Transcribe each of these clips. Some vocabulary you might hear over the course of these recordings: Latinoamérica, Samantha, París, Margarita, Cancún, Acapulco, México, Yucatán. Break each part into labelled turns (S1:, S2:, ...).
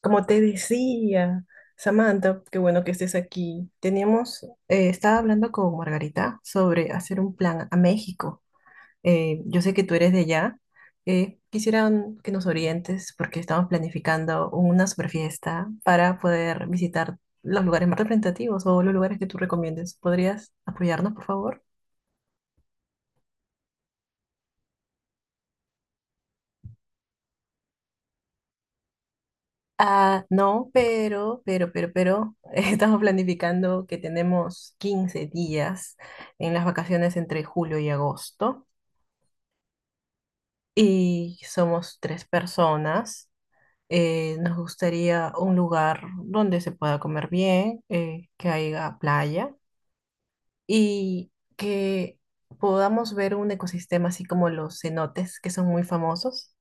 S1: Como te decía, Samantha, qué bueno que estés aquí. Estaba hablando con Margarita sobre hacer un plan a México. Yo sé que tú eres de allá. Quisieran que nos orientes porque estamos planificando una super fiesta para poder visitar los lugares más representativos o los lugares que tú recomiendes. ¿Podrías apoyarnos, por favor? Ah, no, pero, estamos planificando que tenemos 15 días en las vacaciones entre julio y agosto y somos tres personas. Nos gustaría un lugar donde se pueda comer bien, que haya playa y que podamos ver un ecosistema así como los cenotes que son muy famosos.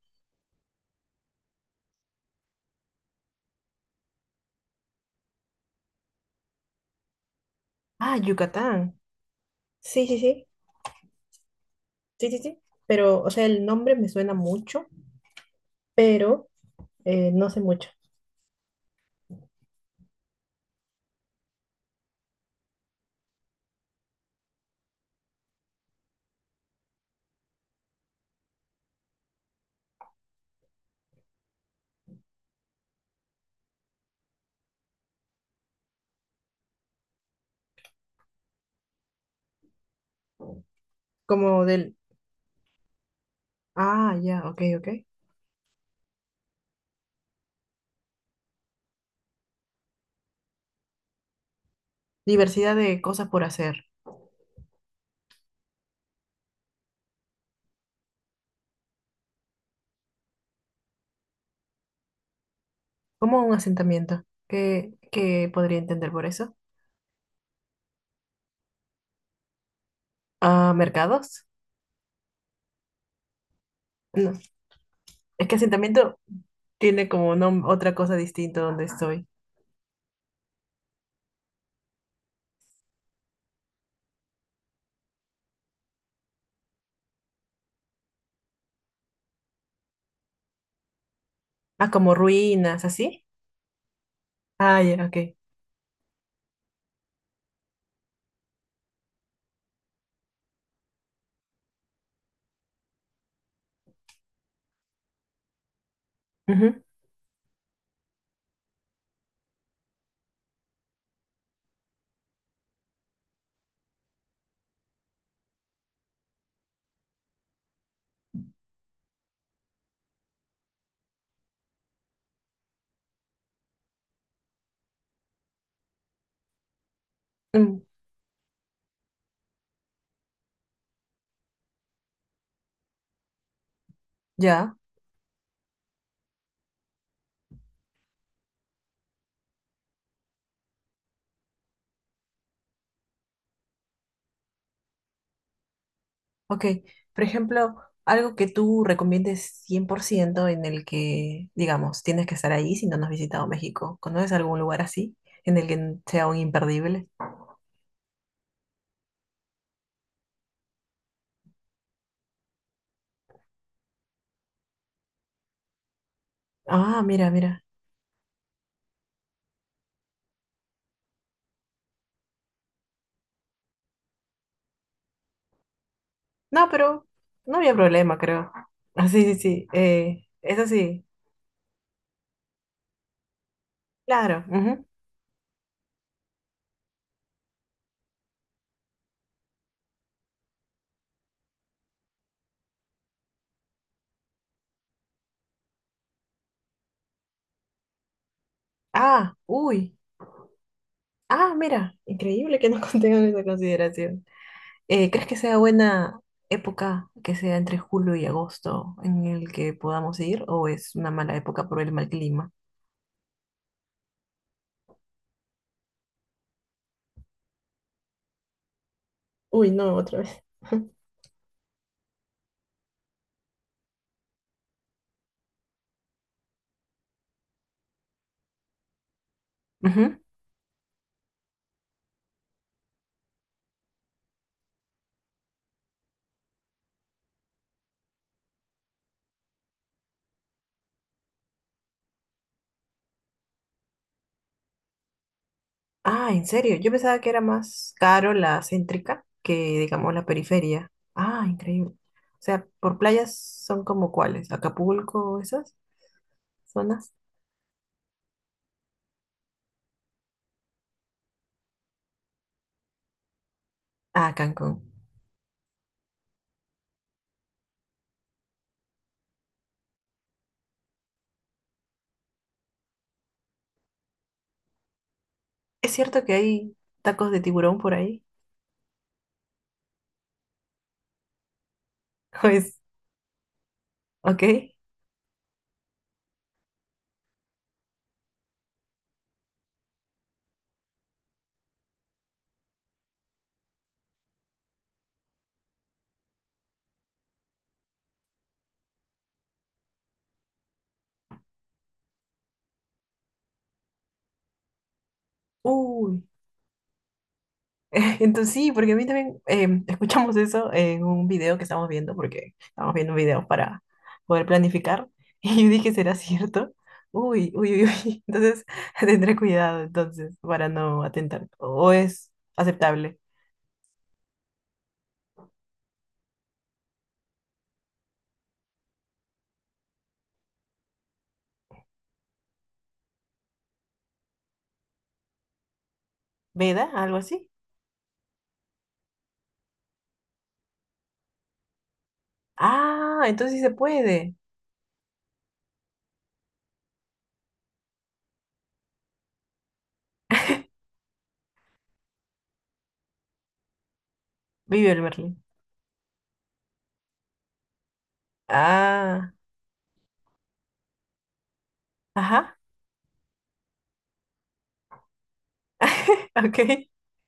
S1: Ah, Yucatán. Sí, sí, sí, sí, sí, sí. Pero, o sea, el nombre me suena mucho, pero. No sé mucho. Como del. Ah, ya, ok, ok. Diversidad de cosas por hacer. Como un asentamiento. ¿Qué podría entender por eso? Ah, ¿mercados? No. Es que asentamiento tiene como otra cosa distinta donde estoy. Ah, como ruinas, así. Ah, ya, ok. Ujú. Mm, ya. Ok, por ejemplo, algo que tú recomiendes 100% en el que, digamos, tienes que estar ahí si no nos has visitado México. ¿Conoces algún lugar así en el que sea un imperdible? Ah, mira, mira. No, pero no había problema, creo. Ah, sí, sí, sí. Eso sí, claro. Ujú. Ah, uy. Ah, mira, increíble que no contengan esa consideración. ¿Crees que sea buena época que sea entre julio y agosto en el que podamos ir o es una mala época por el mal clima? Uy, no, otra vez. Ujú. Ah, ¿en serio? Yo pensaba que era más caro la céntrica que, digamos, la periferia. Ah, increíble. O sea, por playas son como cuáles, Acapulco, esas zonas. Ah, Cancún. ¿Es cierto que hay tacos de tiburón por ahí? Pues, ok. Uy, entonces sí, porque a mí también escuchamos eso en un video que estamos viendo, porque estamos viendo videos para poder planificar, y yo dije, ¿será cierto? Uy, uy, uy, uy. Entonces tendré cuidado entonces para no atentar. ¿O es aceptable? ¿Veda? ¿Algo así? Ah, entonces sí se puede. Vive el berlín. Ah, ajá, ok,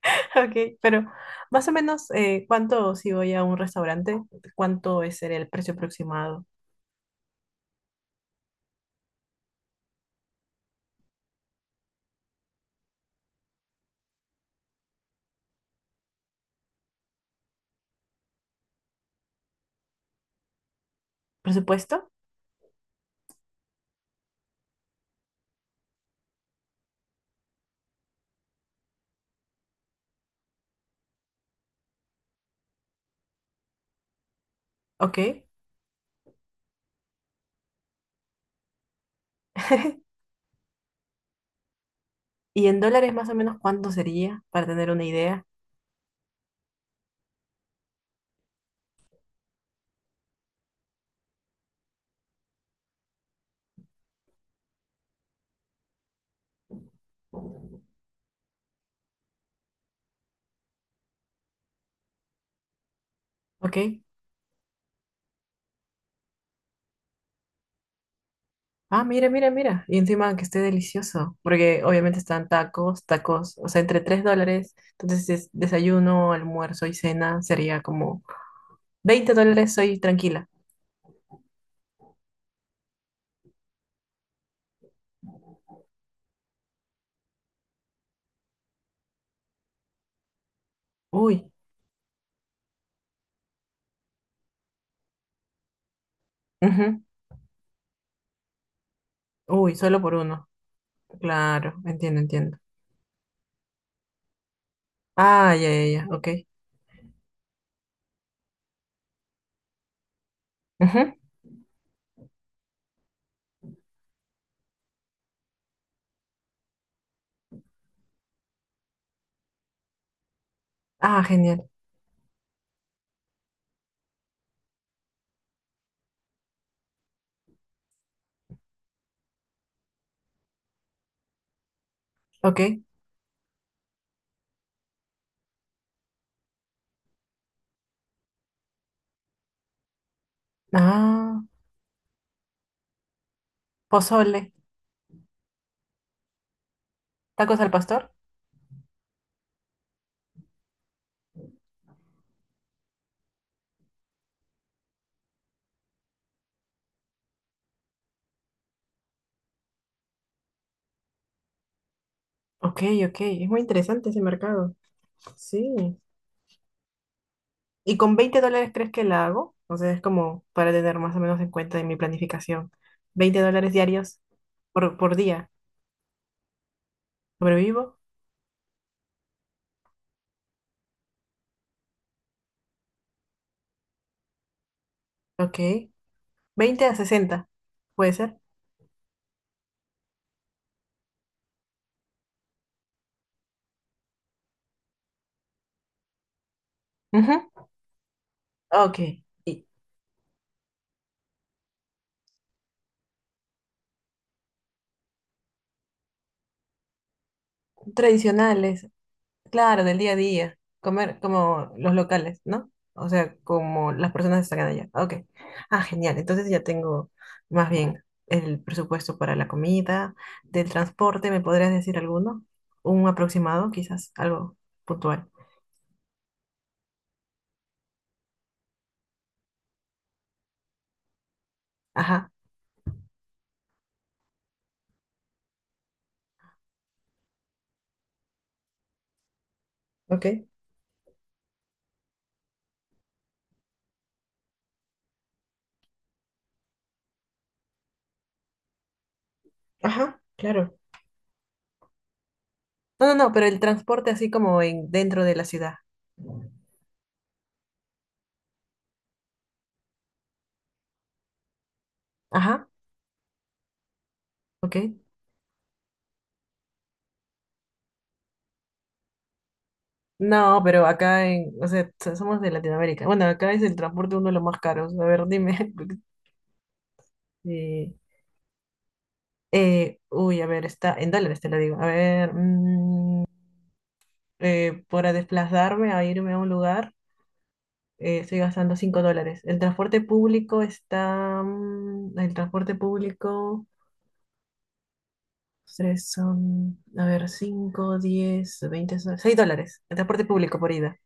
S1: ok, pero más o menos, ¿cuánto si voy a un restaurante? ¿Cuánto es el precio aproximado? Presupuesto. Ok. ¿Y en dólares más o menos cuánto sería para tener una idea? Ok. Ah, mira, mira, mira. Y encima que esté delicioso, porque obviamente están tacos, tacos, o sea, entre $3. Entonces, es desayuno, almuerzo y cena sería como $20, soy tranquila. Uy. Ujú. Uy, solo por uno. Claro, entiendo, entiendo. Ah, ya, ya, ya, ok. Ujú. Ah, genial. Ok. Ah, pozole. ¿Tacos al pastor? Ok, ok. Es muy interesante ese mercado. Sí. ¿Y con $20 crees que la hago? O sea, es como para tener más o menos en cuenta en mi planificación. $20 diarios por día. ¿Sobrevivo? Ok. 20 a 60, ¿puede ser? Ujú. Ok. Y tradicionales. Claro, del día a día, comer como los locales, ¿no? O sea, como las personas que están allá. Ok. Ah, genial. Entonces ya tengo más bien el presupuesto para la comida, del transporte, ¿me podrías decir alguno? Un aproximado, quizás, algo puntual. Ajá, ok. Ajá, claro. No, no, no, pero el transporte así como en dentro de la ciudad. Ajá, ok. No, pero acá en, o sea, somos de Latinoamérica. Bueno, acá es el transporte uno de los más caros. A ver, dime. Sí. Uy, a ver, está en dólares, te lo digo. A ver, para desplazarme a irme a un lugar, estoy gastando $5. El transporte público está. El transporte público, tres son, a ver, 5, 10, 20, $6. El transporte público por ida.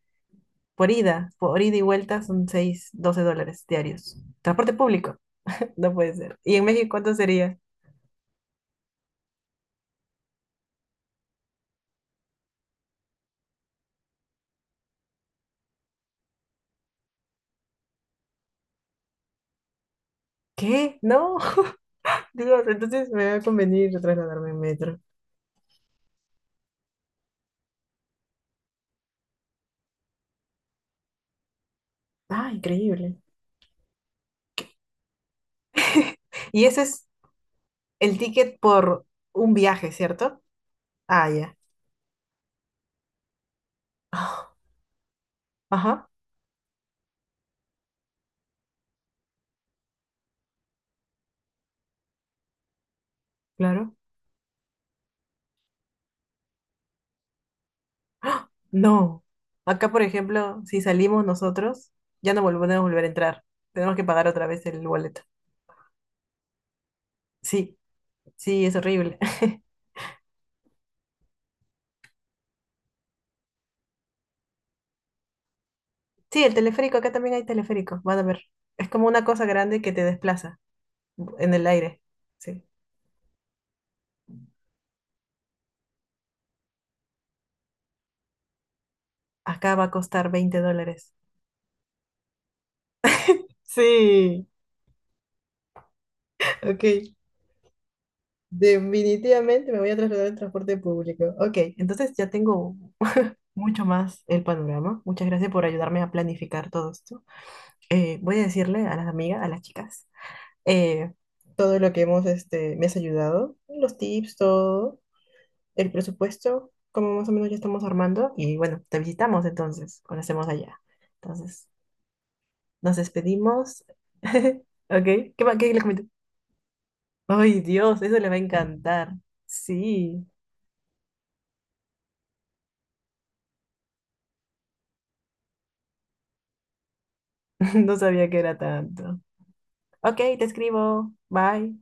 S1: Por ida, por ida y vuelta son 6 $12 diarios. Transporte público, no puede ser. ¿Y en México cuánto sería? ¿Qué? No. Dios, entonces me va a convenir trasladarme en metro. Ah, increíble. Y ese es el ticket por un viaje, ¿cierto? Ah, ya. Ah. Ajá, claro. ¡Ah! No. Acá, por ejemplo, si salimos nosotros, ya no podemos volver a entrar. Tenemos que pagar otra vez el boleto. Sí, sí, es horrible. Sí, el teleférico, acá también hay teleférico. Van a ver. Es como una cosa grande que te desplaza en el aire. Sí. Acá va a costar $20. Sí, ok. Definitivamente me voy a trasladar en transporte público. Ok, entonces ya tengo mucho más el panorama. Muchas gracias por ayudarme a planificar todo esto. Voy a decirle a las amigas, a las chicas, eh, todo lo que hemos, me has ayudado, los tips, todo, el presupuesto, como más o menos ya estamos armando. Y bueno, te visitamos entonces, cuando estemos allá. Entonces, nos despedimos. Ok, qué le comento? Ay, Dios, eso le va a encantar. Sí. No sabía que era tanto. Ok, te escribo. Bye.